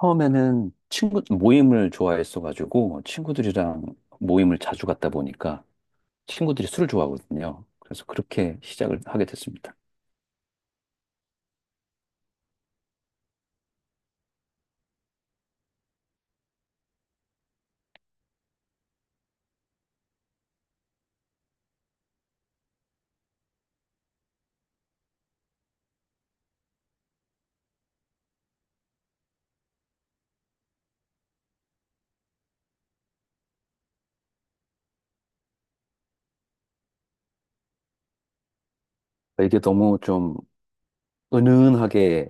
처음에는 친구 모임을 좋아했어가지고 친구들이랑 모임을 자주 갔다 보니까 친구들이 술을 좋아하거든요. 그래서 그렇게 시작을 하게 됐습니다. 이게 너무 좀 은은하게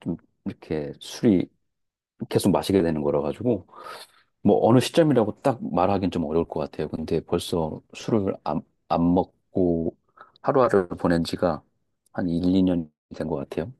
좀 이렇게 술이 계속 마시게 되는 거라 가지고 뭐 어느 시점이라고 딱 말하기는 좀 어려울 것 같아요. 근데 벌써 술을 안 먹고 하루하루를 보낸 지가 한 1, 2년이 된 것 같아요.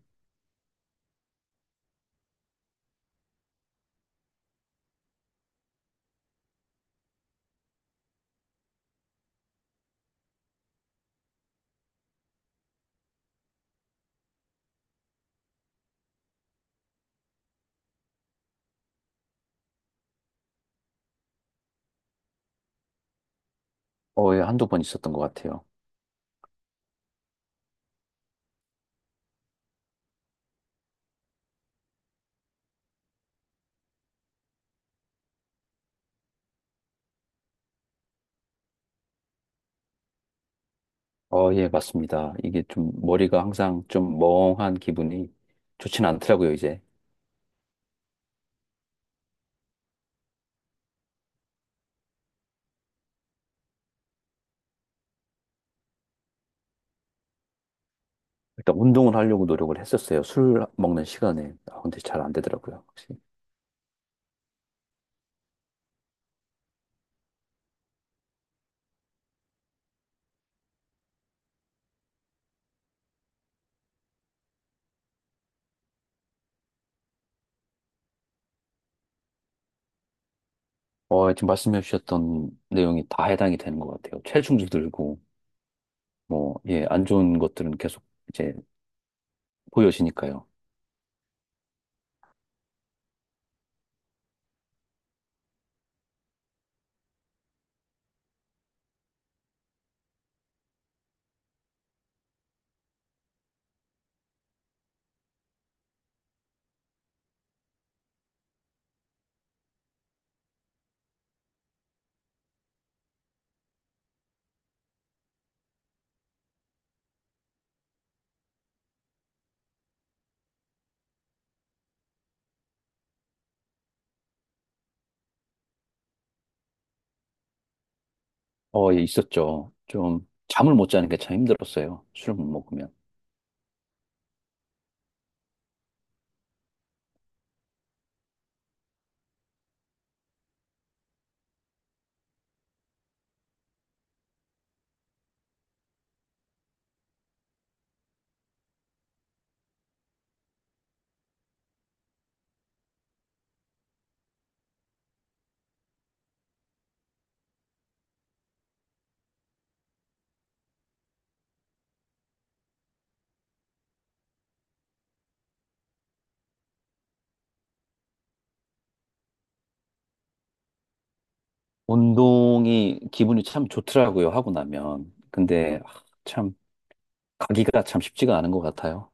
거의 한두 번 있었던 것 같아요. 예, 맞습니다. 이게 좀 머리가 항상 좀 멍한 기분이 좋진 않더라고요, 이제. 일단 운동을 하려고 노력을 했었어요. 술 먹는 시간에. 아, 근데 잘 안 되더라고요, 혹시. 지금 말씀해 주셨던 내용이 다 해당이 되는 것 같아요. 체중도 들고, 뭐, 예, 안 좋은 것들은 계속 이제 보여지니까요. 예, 있었죠. 좀 잠을 못 자는 게 참 힘들었어요. 술을 못 먹으면. 운동이 기분이 참 좋더라고요, 하고 나면. 근데, 아, 참, 가기가 참 쉽지가 않은 것 같아요.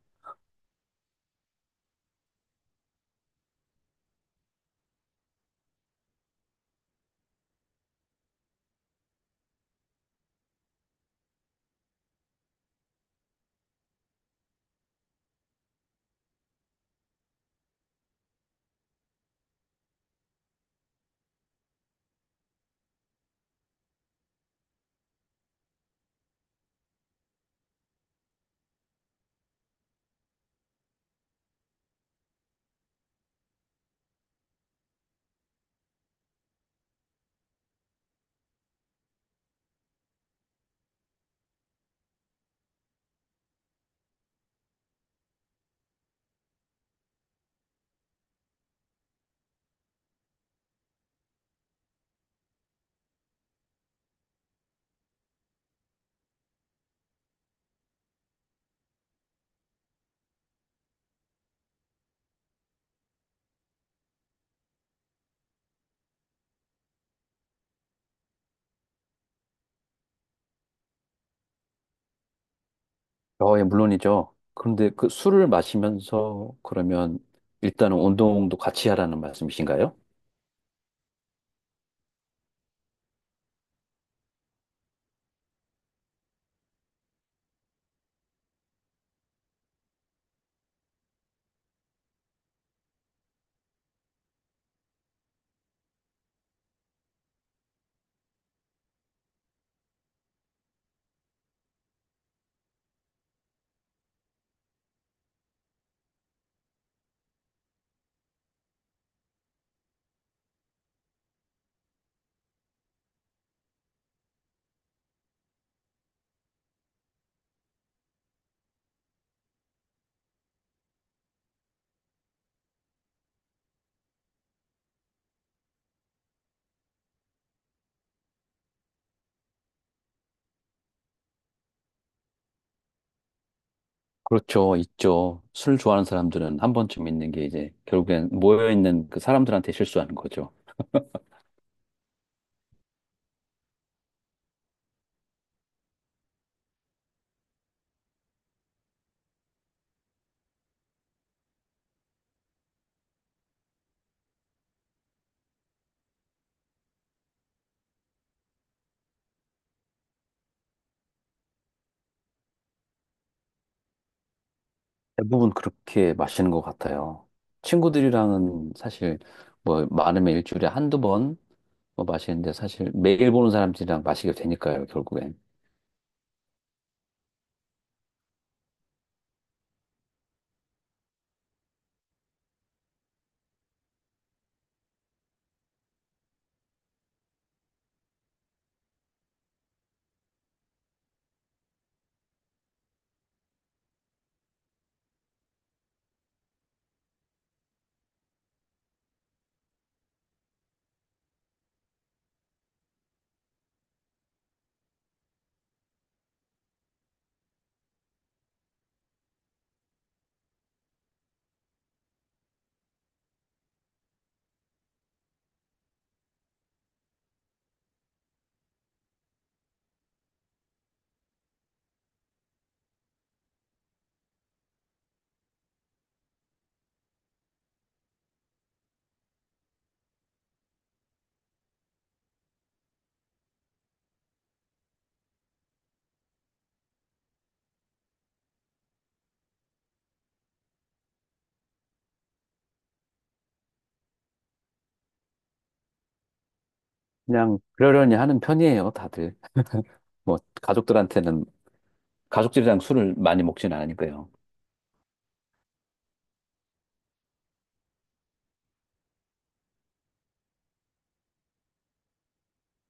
예, 물론이죠. 그런데 그 술을 마시면서 그러면 일단은 운동도 같이 하라는 말씀이신가요? 그렇죠, 있죠. 술 좋아하는 사람들은 한 번쯤 있는 게 이제 결국엔 모여있는 그 사람들한테 실수하는 거죠. 대부분 그렇게 마시는 것 같아요. 친구들이랑은 사실 뭐 많으면 일주일에 한두 번 뭐 마시는데 사실 매일 보는 사람들이랑 마시게 되니까요, 결국엔. 그냥 그러려니 하는 편이에요, 다들. 뭐 가족들한테는 가족들이랑 술을 많이 먹진 않으니까요.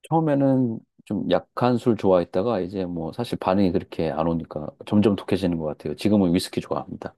처음에는 좀 약한 술 좋아했다가 이제 뭐 사실 반응이 그렇게 안 오니까 점점 독해지는 것 같아요. 지금은 위스키 좋아합니다.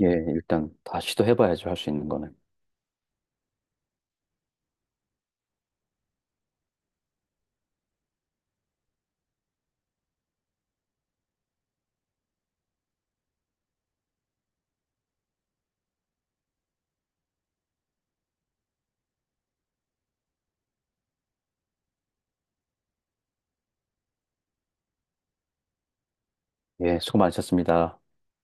예, 일단 다 시도해봐야죠. 할 수 있는 거는. 예, 수고 많으셨습니다.